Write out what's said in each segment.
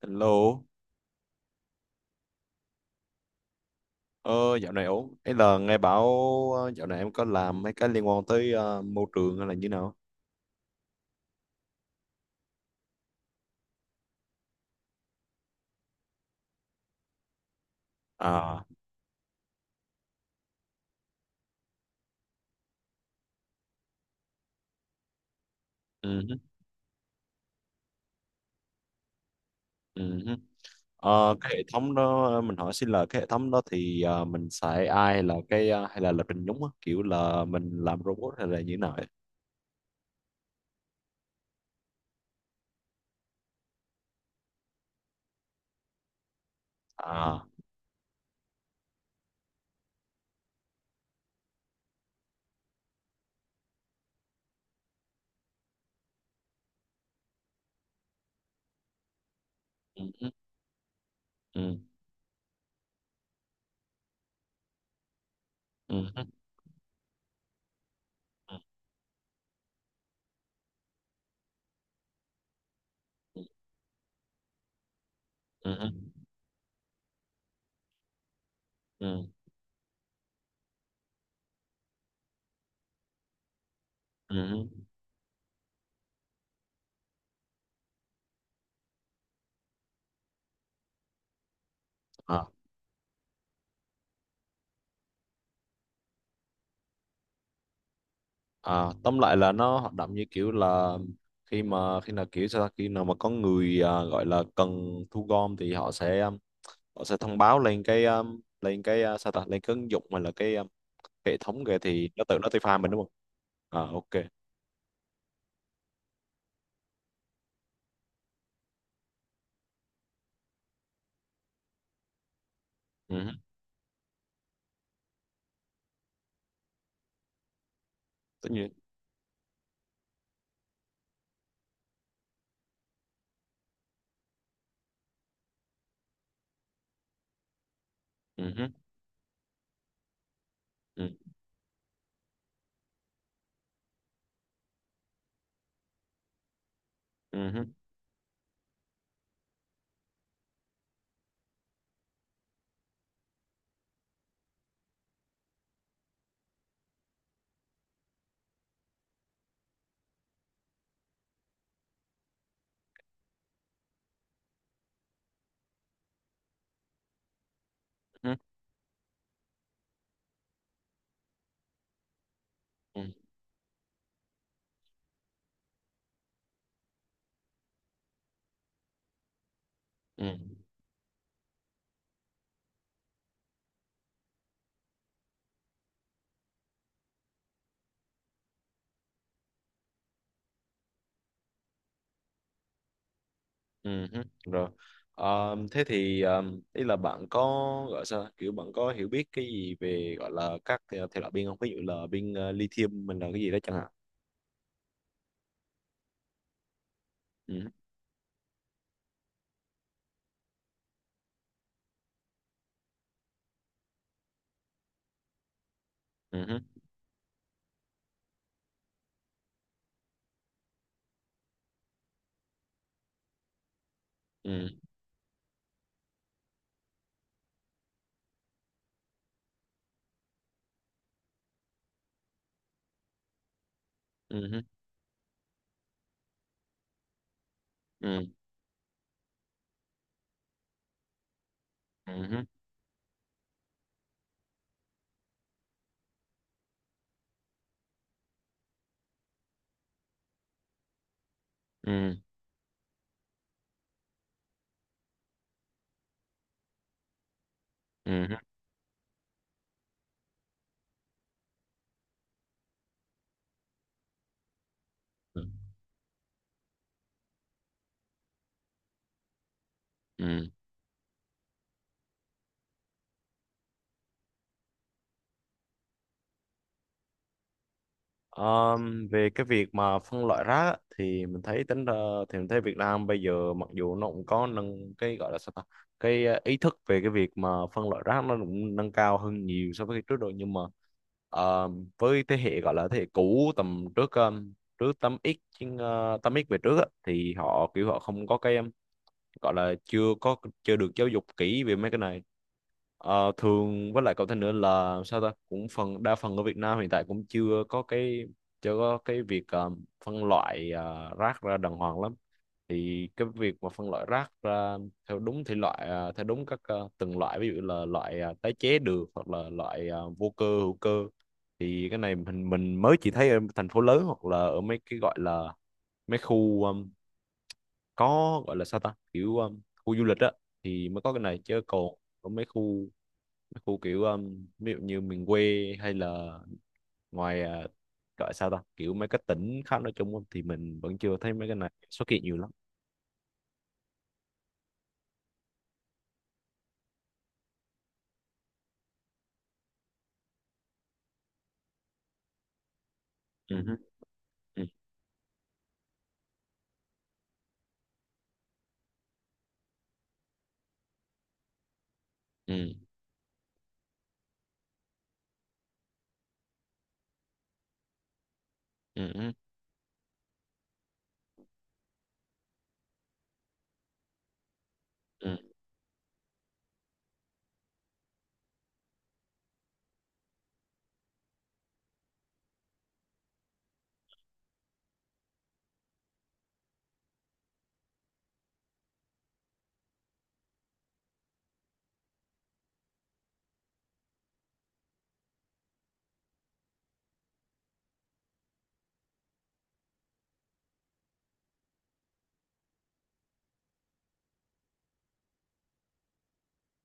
Hello, ờ, dạo này ổn. Ấy là nghe bảo dạo này em có làm mấy cái liên quan tới môi trường hay là như nào? À, ừ, ừ. Ờ, cái hệ thống đó mình hỏi xin là cái hệ thống đó thì mình xài AI là hay là lập trình nhúng á, kiểu là mình làm robot hay là như nào ấy? À, ừ, ừ, ừ, ừ, ừ, ừ, ừ, ừ, ừ. À, tóm lại là nó hoạt động như kiểu là khi nào kiểu sao ta? Khi nào mà có người gọi là cần thu gom thì họ sẽ thông báo lên cái sao ta lên cái ứng dụng mà là cái hệ thống kìa thì nó nó tự pha mình đúng không? À, ok. Ừ, hứ, tất nhiên. Ừ, hứ, ừ, ừ, hứ, ừ, ừ, ừ, ừ, hứ. Rồi. Ờ, thế thì ý là bạn có gọi sao kiểu bạn có hiểu biết cái gì về gọi là các thể thể loại pin không? Ví dụ là pin lithium mình là cái gì đó chẳng hạn. ừ, ừ, ừ, ừ, ừ, ừ, ừ, ừm. Về cái việc mà phân loại rác á, thì mình thấy tính ra thì mình thấy Việt Nam bây giờ mặc dù nó cũng có nâng cái gọi là sao ta cái ý thức về cái việc mà phân loại rác nó cũng nâng cao hơn nhiều so với trước rồi, nhưng mà ờ, với thế hệ gọi là thế hệ cũ tầm trước trước 8X chứ, ờ, 8X về trước á, thì họ kiểu họ không có cái gọi là chưa có chưa được giáo dục kỹ về mấy cái này. Ờ, thường với lại cậu thêm nữa là sao ta cũng phần đa phần ở Việt Nam hiện tại cũng chưa có cái chưa có cái việc phân loại rác ra đàng hoàng lắm, thì cái việc mà phân loại rác ra theo đúng thể loại theo đúng các từng loại, ví dụ là loại tái chế được hoặc là loại vô cơ hữu cơ, thì cái này mình mới chỉ thấy ở thành phố lớn hoặc là ở mấy cái gọi là mấy khu có gọi là sao ta kiểu khu du lịch á thì mới có cái này, chứ còn ở mấy khu kiểu ví dụ như miền quê hay là ngoài gọi là sao ta kiểu mấy cái tỉnh khác nói chung á, thì mình vẫn chưa thấy mấy cái này xuất hiện nhiều lắm. Ừ hứ, ừ, ừ, ừ, ừ,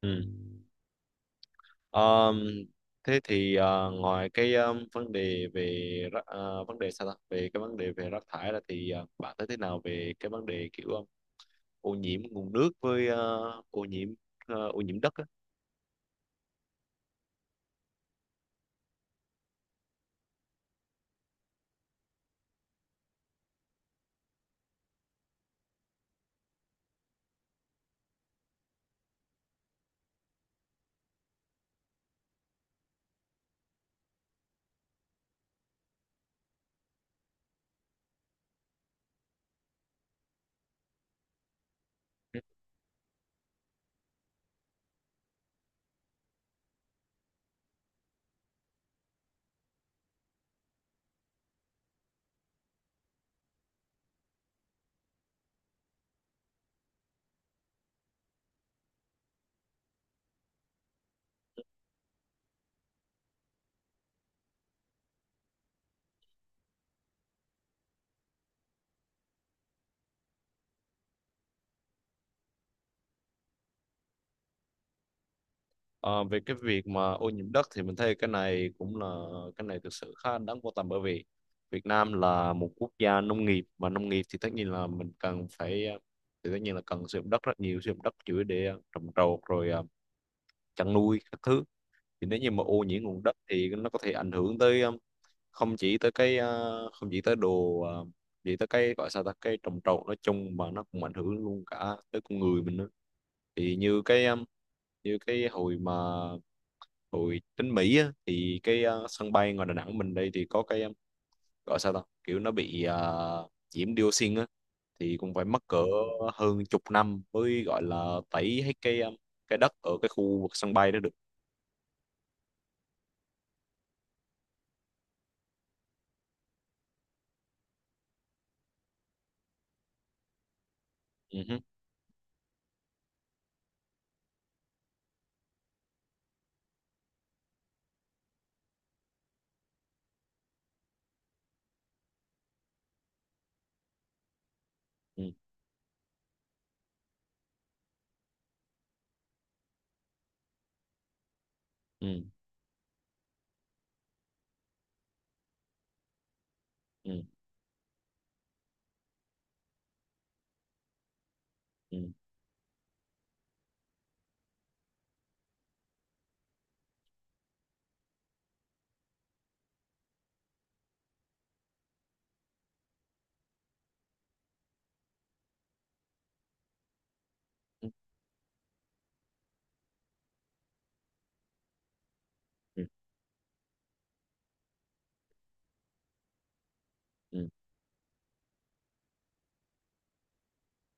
ừ. Ờm, thế thì ngoài cái vấn đề về vấn đề sao ta về cái vấn đề về rác thải ra thì bạn thấy thế nào về cái vấn đề kiểu ô nhiễm nguồn nước với ô nhiễm ô nhiễm đất á. Ờ, về cái việc mà ô nhiễm đất thì mình thấy cái này cũng là cái này thực sự khá đáng quan tâm, bởi vì Việt Nam là một quốc gia nông nghiệp, mà nông nghiệp thì tất nhiên là mình cần phải thì tất nhiên là cần sử dụng đất rất nhiều, sử dụng đất chủ yếu để trồng trọt rồi chăn nuôi các thứ, thì nếu như mà ô nhiễm nguồn đất thì nó có thể ảnh hưởng tới không chỉ tới không chỉ tới chỉ tới cái gọi sao ta cái trồng trọt nói chung, mà nó cũng ảnh hưởng luôn cả tới con người mình nữa, thì như cái hồi mà hồi đến Mỹ á, thì cái sân bay ngoài Đà Nẵng mình đây thì có cái gọi sao ta kiểu nó bị nhiễm dioxin á, thì cũng phải mất cỡ hơn chục năm mới gọi là tẩy hết cái đất ở cái khu vực sân bay đó được. Ừ, hứ, ừ, ừ, ừ, ừ, ừ, ừ, ừ, ừ.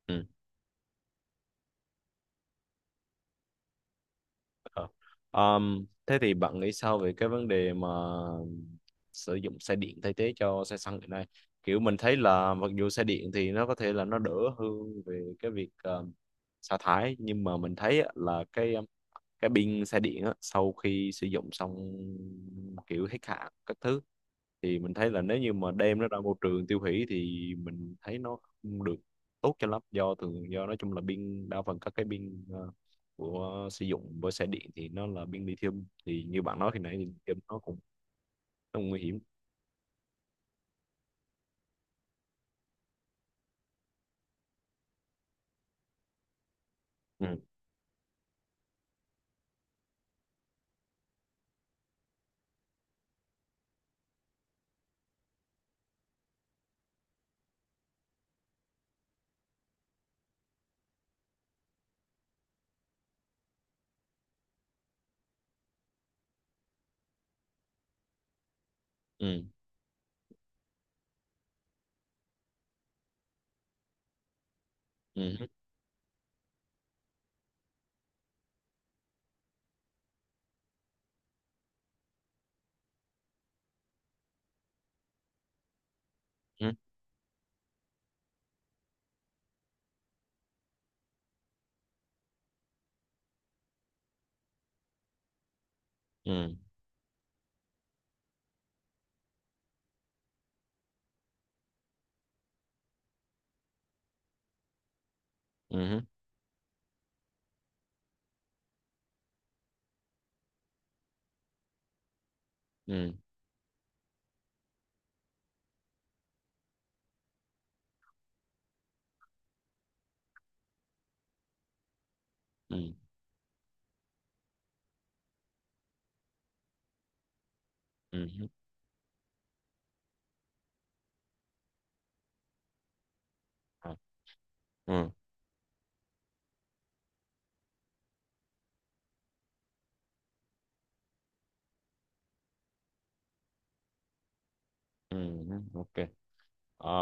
Ừ. Ờ. Thế thì bạn nghĩ sao về cái vấn đề mà sử dụng xe điện thay thế cho xe xăng hiện nay? Kiểu mình thấy là mặc dù xe điện thì nó có thể là nó đỡ hơn về cái việc sa thải, nhưng mà mình thấy á, là cái pin xe điện á, sau khi sử dụng xong kiểu hết hạn các thứ, thì mình thấy là nếu như mà đem nó ra môi trường tiêu hủy thì mình thấy nó không được tốt cho lắm, do thường do nói chung là pin đa phần các cái pin của sử dụng với xe điện thì nó là pin lithium, thì như bạn nói khi nãy thì lithium nó cũng nguy hiểm. Ừ, ừ, ừ, ừ, ừ, ừ, ừ, ừ, ừ, ừ, ừ, ừ, ừ, ừ, ok. Ờ,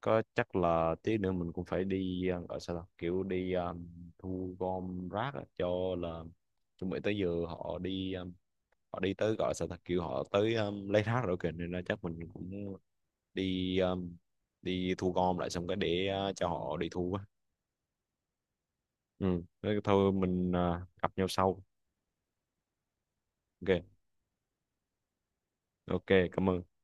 có chắc là tí nữa mình cũng phải đi gọi sao ta kiểu đi thu gom rác á, cho là chuẩn bị tới giờ họ đi họ đi tới gọi sao ta kiểu họ tới lấy rác rồi kìa, nên là chắc mình cũng đi đi thu gom lại xong cái để cho họ đi thu á. Ừ, thế thôi mình gặp nhau sau. Ok. Ok, cảm ơn.